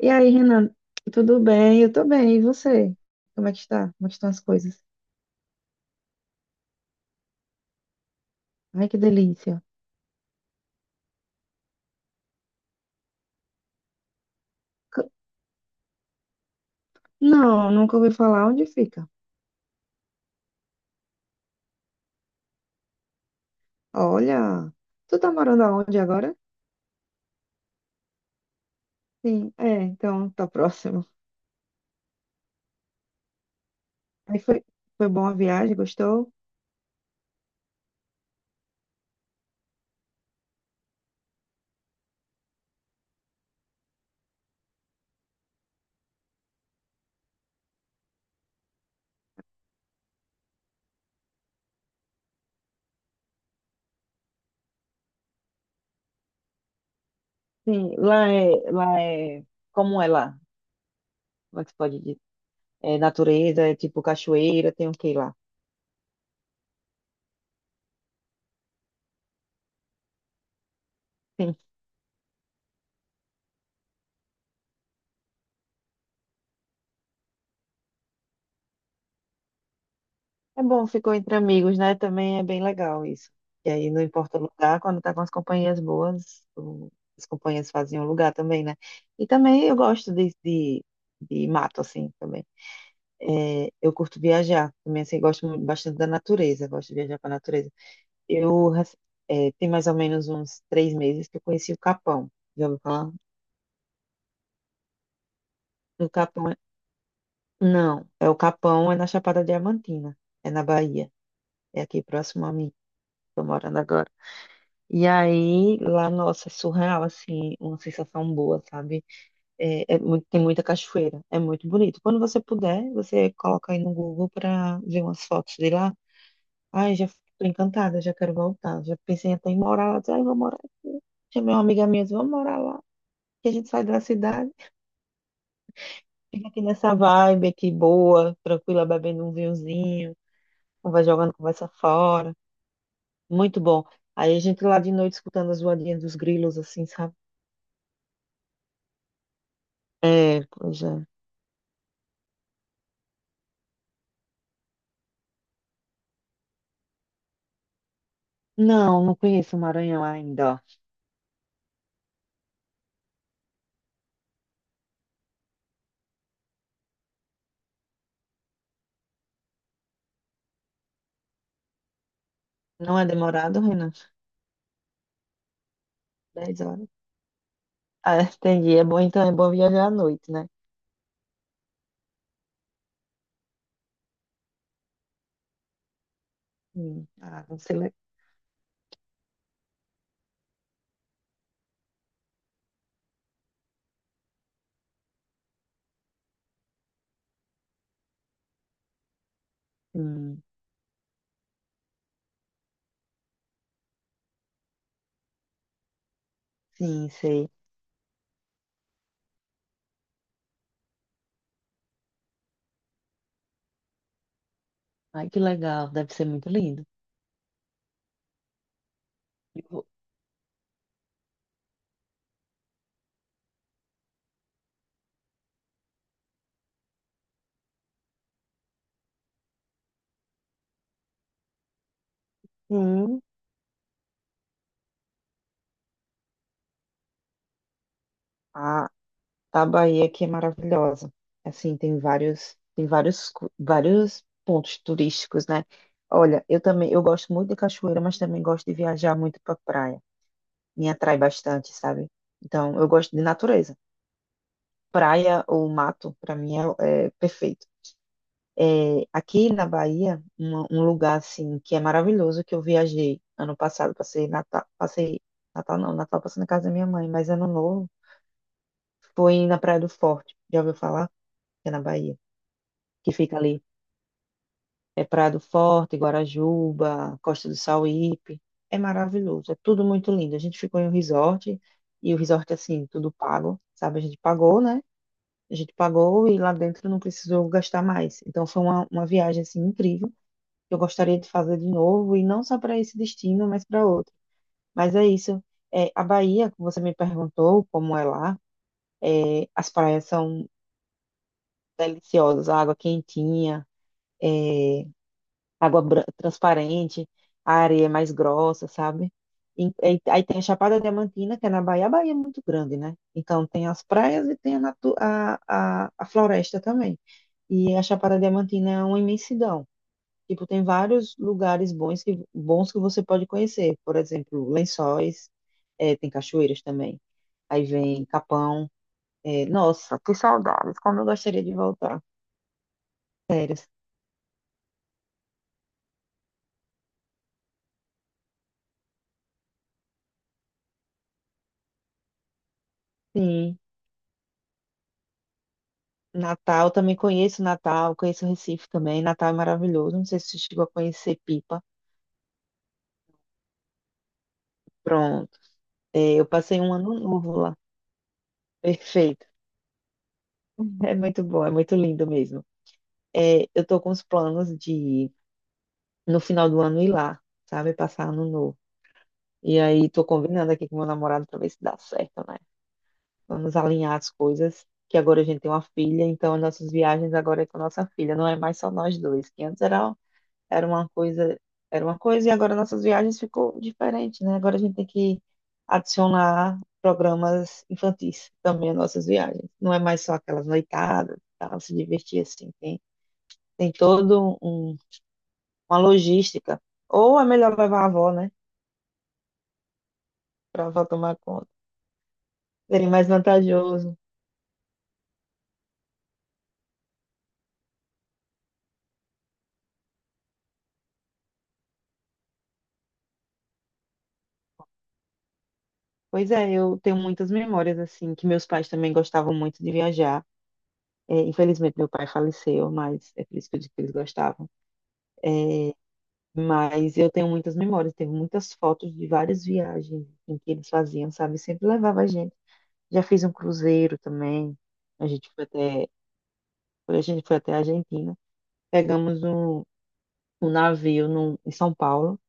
E aí, Renan, tudo bem? Eu tô bem, e você? Como é que está? Como é que estão as coisas? Ai, que delícia. C- Não, nunca ouvi falar onde fica. Olha, tu tá morando aonde agora? Sim, é, então tá próximo. Aí foi, Foi bom a viagem, gostou? Sim, como é lá? Como é que se pode dizer? É natureza, é tipo cachoeira, tem o que lá? É bom, ficou entre amigos, né? Também é bem legal isso. E aí, não importa o lugar, quando tá com as companhias boas, as companhias fazem o lugar também, né? E também eu gosto de mato, assim, também. É, eu curto viajar, também, assim, bastante da natureza, gosto de viajar pra natureza. Eu, rec- Tem mais ou menos uns 3 meses que eu conheci o Capão. Já ouviu falar? O Capão é... Não, é o Capão, é na Chapada Diamantina, é na Bahia, é aqui próximo a mim, tô morando agora. E aí, lá, nossa, é surreal, assim, uma sensação boa, sabe? Tem muita cachoeira, é muito bonito. Quando você puder, você coloca aí no Google pra ver umas fotos de lá. Ai, já tô encantada, já quero voltar. Já pensei até em morar lá, disse, ai, vou morar aqui. Chamei uma amiga minha, disse, vamos morar lá. Que a gente sai da cidade, fica aqui nessa vibe aqui boa, tranquila, bebendo um vinhozinho, vai jogando conversa fora. Muito bom. Aí a gente lá de noite escutando as voadinhas dos grilos, assim, sabe? É, pois é. Não, não conheço o Maranhão ainda, ó. Não é demorado, Renan? 10 horas. Ah, entendi. É bom, então, é bom viajar à noite, né? Hum. Ah, não sei. Hum. Sim, sei. Ai, que legal. Deve ser muito lindo. Eu vou- Sim, a, a Bahia aqui é maravilhosa. Assim, vários pontos turísticos, né? Olha, eu também, eu gosto muito de cachoeira, mas também gosto de viajar muito para praia. Me atrai bastante, sabe? Então, eu gosto de natureza. Praia ou mato, para mim é perfeito. É, aqui na Bahia, um lugar assim que é maravilhoso que eu viajei ano passado, passei Natal não, Natal passei na casa da minha mãe, mas ano novo foi na Praia do Forte. Já ouviu falar? Que é na Bahia, que fica ali. É Praia do Forte, Guarajuba, Costa do Sauípe. É maravilhoso, é tudo muito lindo. A gente ficou em um resort e o resort assim, tudo pago, sabe? A gente pagou, né? A gente pagou e lá dentro não precisou gastar mais. Então foi uma viagem assim incrível. Eu gostaria de fazer de novo e não só para esse destino, mas para outro. Mas é isso. É, a Bahia, que você me perguntou como é lá, as praias são deliciosas, a água quentinha, transparente, a areia é mais grossa, sabe? Aí tem a Chapada Diamantina, que é na Bahia. A Bahia é muito grande, né? Então tem as praias e tem a floresta também. E a Chapada Diamantina é uma imensidão. Tipo, tem vários lugares bons que você pode conhecer. Por exemplo, Lençóis, tem cachoeiras também. Aí vem Capão. Nossa, que saudades, como eu gostaria de voltar. Sério, sim. Natal, também conheço Natal, conheço Recife também. Natal é maravilhoso. Não sei se você chegou a conhecer Pipa. Pronto. Eu passei um ano novo lá. Perfeito. É muito bom, é muito lindo mesmo. Eu tô com os planos de, no final do ano, ir lá, sabe? Passar ano novo. E aí tô combinando aqui com meu namorado para ver se dá certo, né? Vamos alinhar as coisas, que agora a gente tem uma filha, então as nossas viagens agora é com a nossa filha, não é mais só nós dois, que antes era uma coisa, era uma coisa e agora nossas viagens ficou diferente, né? Agora a gente tem que adicionar programas infantis também às nossas viagens. Não é mais só aquelas noitadas, tá? Se divertir assim, tem uma logística. Ou é melhor levar a avó, né? Para a avó tomar conta. Seria mais vantajoso. Pois é, eu tenho muitas memórias, assim, que meus pais também gostavam muito de viajar. É, infelizmente, meu pai faleceu, mas é por isso que eu digo que eles gostavam. Mas eu tenho muitas memórias, tenho muitas fotos de várias viagens em que eles faziam, sabe? Sempre levava a gente. Já fiz um cruzeiro também. A gente foi até, a gente foi até a Argentina. Pegamos um navio no, em São Paulo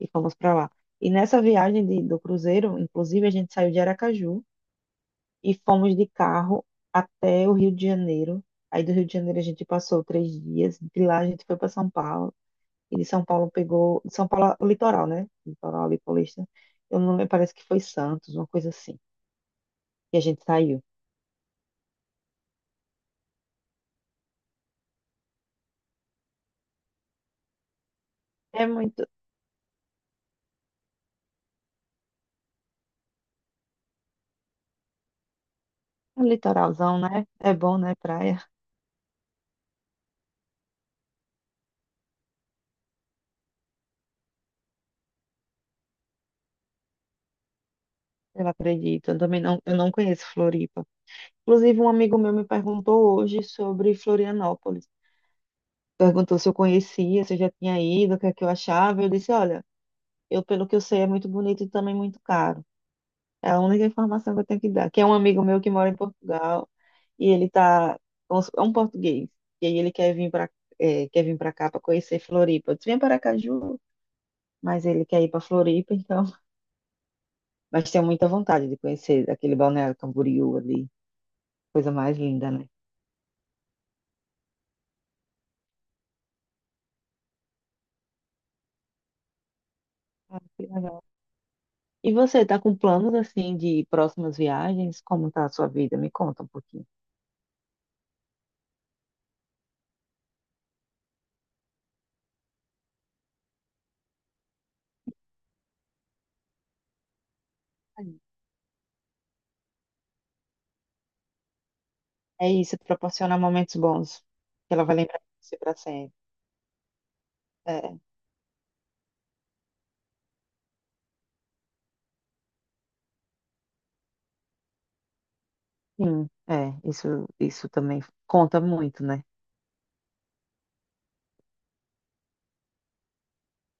e fomos para lá. E nessa do cruzeiro, inclusive, a gente saiu de Aracaju. E fomos de carro até o Rio de Janeiro. Aí do Rio de Janeiro a gente passou 3 dias, de lá a gente foi para São Paulo, e de São Paulo pegou, o litoral, né? Litoral ali paulista. Eu não lembro, parece que foi Santos, uma coisa assim. E a gente saiu. É muito É um litoralzão, né? É bom, né? Praia, eu acredito. Eu também não, eu não conheço Floripa. Inclusive, um amigo meu me perguntou hoje sobre Florianópolis. Perguntou se eu conhecia, se eu já tinha ido, o que é que eu achava. Eu disse, olha, eu, pelo que eu sei, é muito bonito e também muito caro. É a única informação que eu tenho que dar. Que é um amigo meu que mora em Portugal e é um português. E aí ele quer vir para cá para conhecer Floripa. Eu disse, vem para Aracaju, mas ele quer ir para Floripa, então. Mas tenho muita vontade de conhecer aquele Balneário Camboriú ali, coisa mais linda, né? Ah, que legal. E você está com planos assim de próximas viagens? Como está a sua vida? Me conta um pouquinho. É isso, proporcionar momentos bons que ela vai lembrar de você para sempre. É, sim, é, isso também conta muito, né?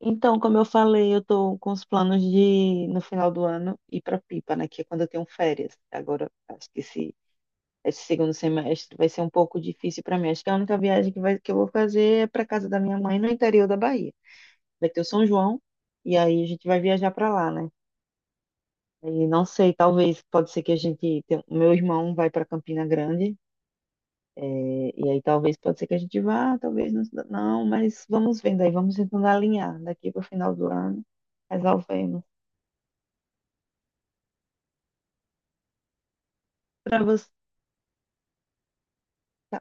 Então, como eu falei, eu tô com os planos de, no final do ano, ir pra Pipa, né? Que é quando eu tenho férias. Agora, acho que esse segundo semestre vai ser um pouco difícil pra mim. Acho que a única viagem que eu vou fazer é pra casa da minha mãe, no interior da Bahia. Vai ter o São João, e aí a gente vai viajar pra lá, né? E não sei, talvez, pode ser que a gente... O meu irmão vai pra Campina Grande. É, e aí talvez pode ser que a gente vá, talvez não, não, mas vamos vendo aí, vamos tentando alinhar daqui para o final do ano, resolvemos. Para você, tá,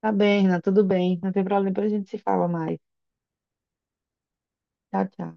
tá bem, Renan, tudo bem, não tem problema, depois a gente se fala mais. Tchau, tchau.